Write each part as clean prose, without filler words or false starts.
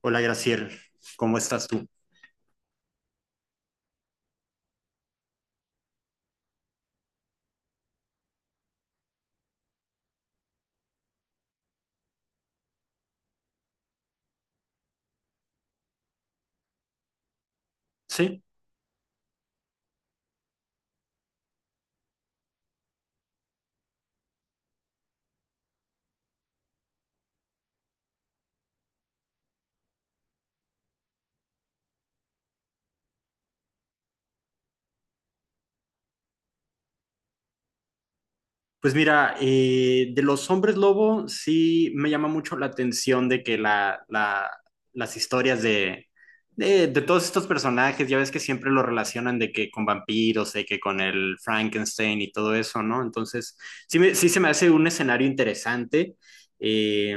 Hola, Graciela, ¿cómo estás tú? Sí. Pues mira, de los hombres lobo sí me llama mucho la atención de que las historias de todos estos personajes, ya ves que siempre lo relacionan de que con vampiros, de que con el Frankenstein y todo eso, ¿no? Entonces, sí, sí se me hace un escenario interesante, eh,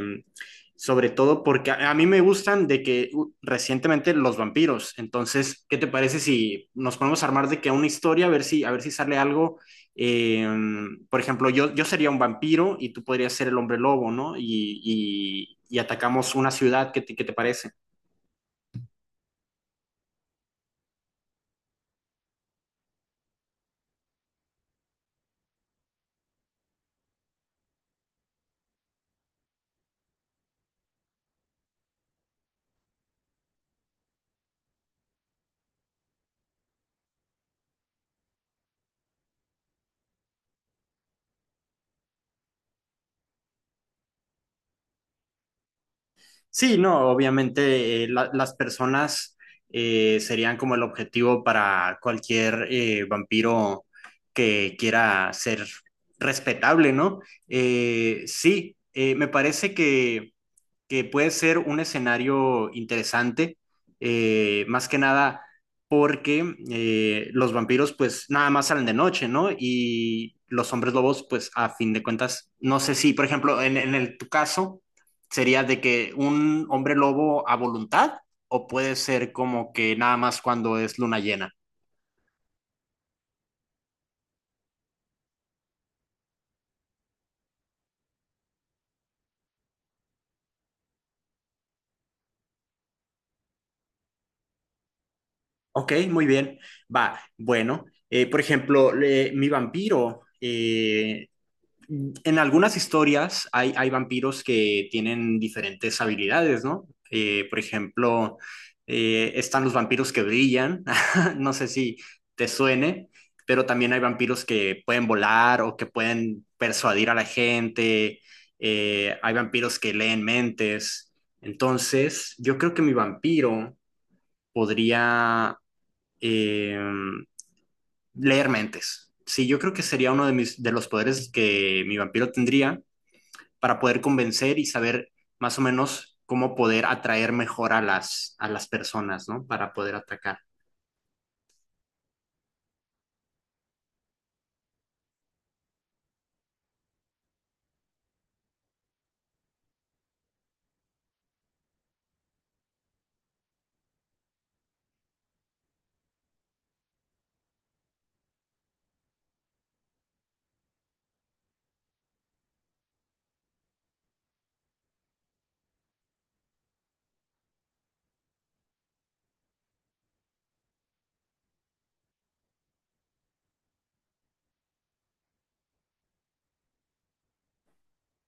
sobre todo porque a mí me gustan de que recientemente los vampiros. Entonces, ¿qué te parece si nos ponemos a armar de que una historia, a ver si sale algo? Eh, por ejemplo, yo sería un vampiro y tú podrías ser el hombre lobo, ¿no? Y atacamos una ciudad, qué te parece? Sí, no, obviamente las personas serían como el objetivo para cualquier vampiro que quiera ser respetable, ¿no? Sí, me parece que puede ser un escenario interesante, más que nada porque los vampiros pues nada más salen de noche, ¿no? Y los hombres lobos pues a fin de cuentas, no sé si, por ejemplo, en tu caso sería de que un hombre lobo a voluntad o puede ser como que nada más cuando es luna llena. Ok, muy bien. Va, bueno, por ejemplo, mi vampiro en algunas historias hay vampiros que tienen diferentes habilidades, ¿no? Por ejemplo, están los vampiros que brillan, no sé si te suene, pero también hay vampiros que pueden volar o que pueden persuadir a la gente, hay vampiros que leen mentes. Entonces, yo creo que mi vampiro podría eh, leer mentes. Sí, yo creo que sería uno de mis de los poderes que mi vampiro tendría para poder convencer y saber más o menos cómo poder atraer mejor a a las personas, ¿no? Para poder atacar.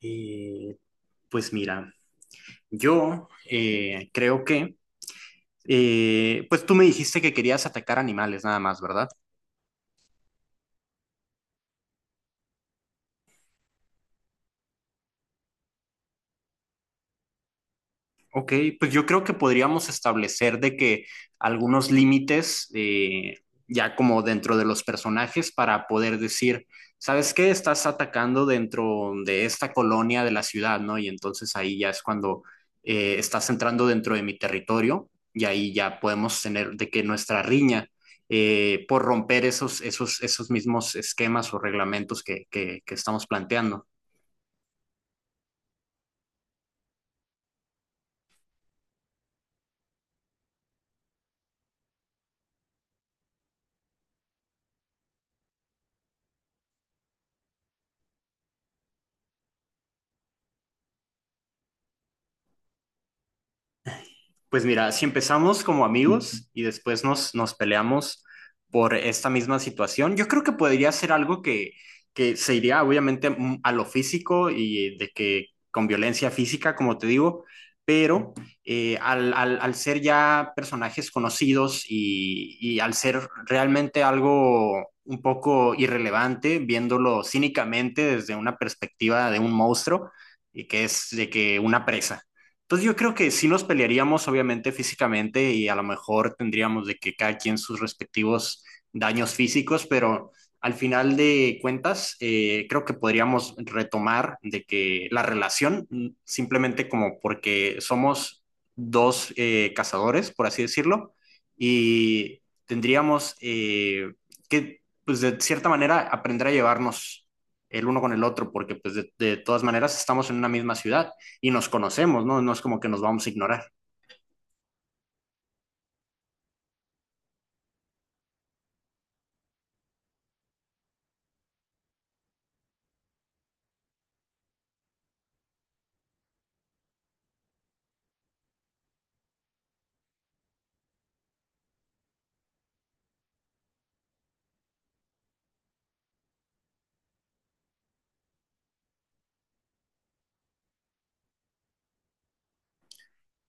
Eh, pues mira, yo creo que, pues tú me dijiste que querías atacar animales nada más, ¿verdad? Ok, pues yo creo que podríamos establecer de que algunos límites, ya como dentro de los personajes, para poder decir, ¿sabes qué? Estás atacando dentro de esta colonia de la ciudad, ¿no? Y entonces ahí ya es cuando estás entrando dentro de mi territorio y ahí ya podemos tener de que nuestra riña, por romper esos mismos esquemas o reglamentos que estamos planteando. Pues mira, si empezamos como amigos y después nos peleamos por esta misma situación, yo creo que podría ser algo que se iría obviamente a lo físico y de que con violencia física, como te digo, pero al ser ya personajes conocidos y al ser realmente algo un poco irrelevante, viéndolo cínicamente desde una perspectiva de un monstruo, y que es de que una presa. Entonces yo creo que sí nos pelearíamos, obviamente, físicamente y a lo mejor tendríamos de que cada quien sus respectivos daños físicos, pero al final de cuentas creo que podríamos retomar de que la relación, simplemente como porque somos dos cazadores, por así decirlo, y tendríamos que, pues de cierta manera, aprender a llevarnos el uno con el otro, porque pues de todas maneras estamos en una misma ciudad y nos conocemos, ¿no? No es como que nos vamos a ignorar.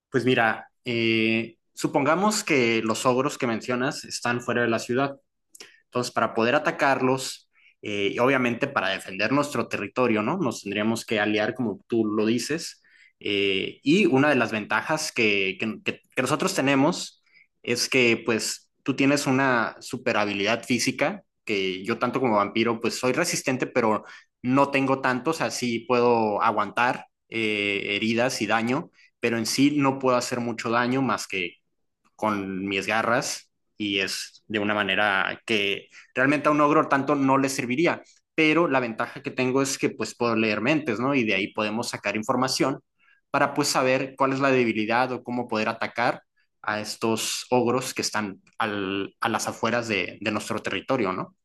Pues mira, supongamos que los ogros que mencionas están fuera de la ciudad. Entonces, para poder atacarlos, y obviamente para defender nuestro territorio, ¿no? Nos tendríamos que aliar, como tú lo dices. Y una de las ventajas que nosotros tenemos es que, pues, tú tienes una super habilidad física, que yo tanto como vampiro, pues, soy resistente, pero no tengo tantos, así puedo aguantar heridas y daño, pero en sí no puedo hacer mucho daño más que con mis garras y es de una manera que realmente a un ogro tanto no le serviría, pero la ventaja que tengo es que pues puedo leer mentes, ¿no? Y de ahí podemos sacar información para pues saber cuál es la debilidad o cómo poder atacar a estos ogros que están a las afueras nuestro territorio, ¿no?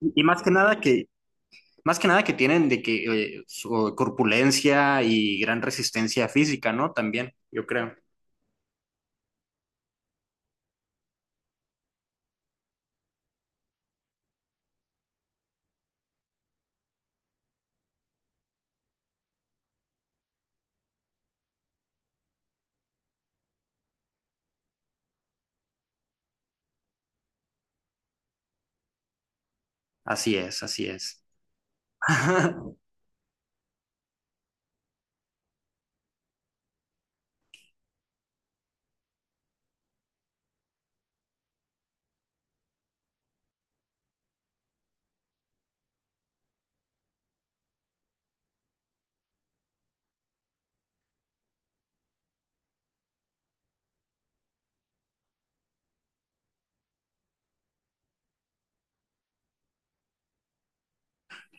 Y más que nada que, más que nada que tienen de que su corpulencia y gran resistencia física, ¿no? También, yo creo. Así es, así es.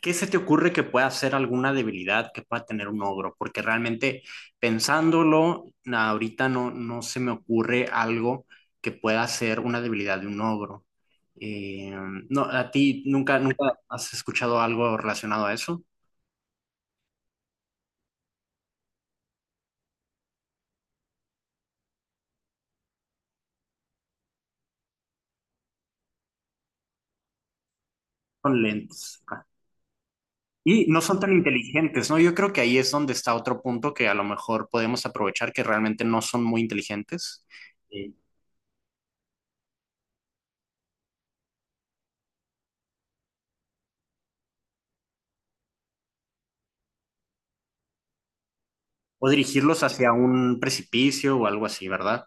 ¿Qué se te ocurre que pueda ser alguna debilidad que pueda tener un ogro? Porque realmente pensándolo, ahorita no, no se me ocurre algo que pueda ser una debilidad de un ogro. Eh, no, ¿a ti nunca, nunca has escuchado algo relacionado a eso? Son lentos. Ah. Y no son tan inteligentes, ¿no? Yo creo que ahí es donde está otro punto que a lo mejor podemos aprovechar, que realmente no son muy inteligentes. eh, o dirigirlos hacia un precipicio o algo así, ¿verdad?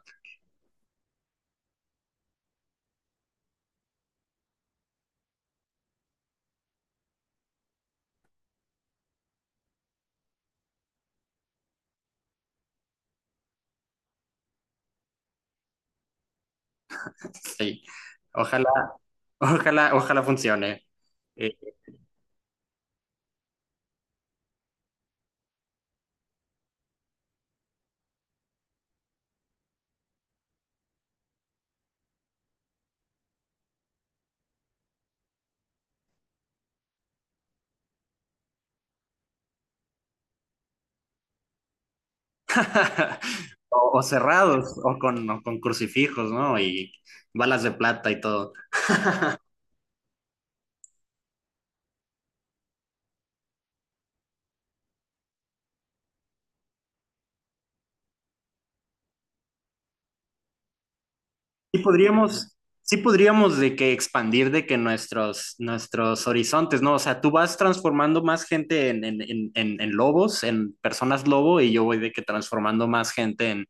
Sí. Ojalá. Ojalá, ojalá funcione. Eh, o, o cerrados, o con crucifijos, ¿no? Y balas de plata y todo. Sí podríamos de que expandir de que nuestros horizontes, ¿no? O sea, tú vas transformando más gente en lobos, en personas lobo, y yo voy de que transformando más gente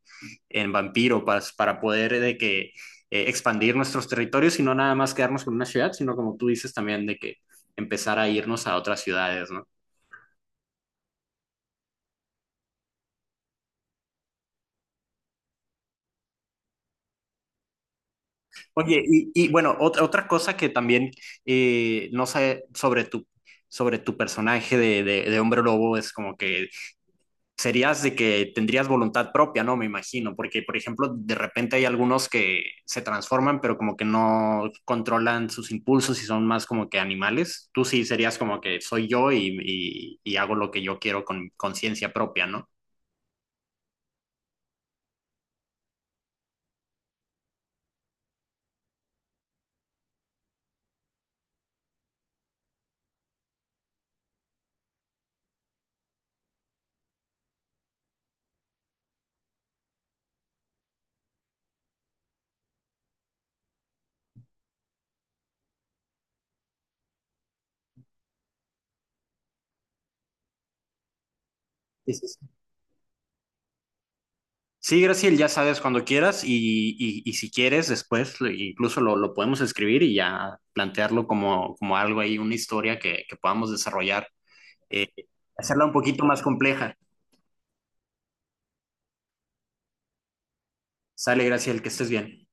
en vampiro para poder de que expandir nuestros territorios y no nada más quedarnos con una ciudad, sino como tú dices también de que empezar a irnos a otras ciudades, ¿no? Oye, y, bueno, otra, otra cosa que también no sé sobre tu personaje de hombre lobo es como que serías de que tendrías voluntad propia, ¿no? Me imagino, porque por ejemplo, de repente hay algunos que se transforman, pero como que no controlan sus impulsos y son más como que animales. Tú sí serías como que soy yo y hago lo que yo quiero con conciencia propia, ¿no? Sí, sí, sí. Sí, Graciel, ya sabes cuando quieras y si quieres después incluso lo podemos escribir y ya plantearlo como, como algo ahí, una historia que podamos desarrollar, eh, hacerla un poquito más compleja. Sale, Graciel, que estés bien.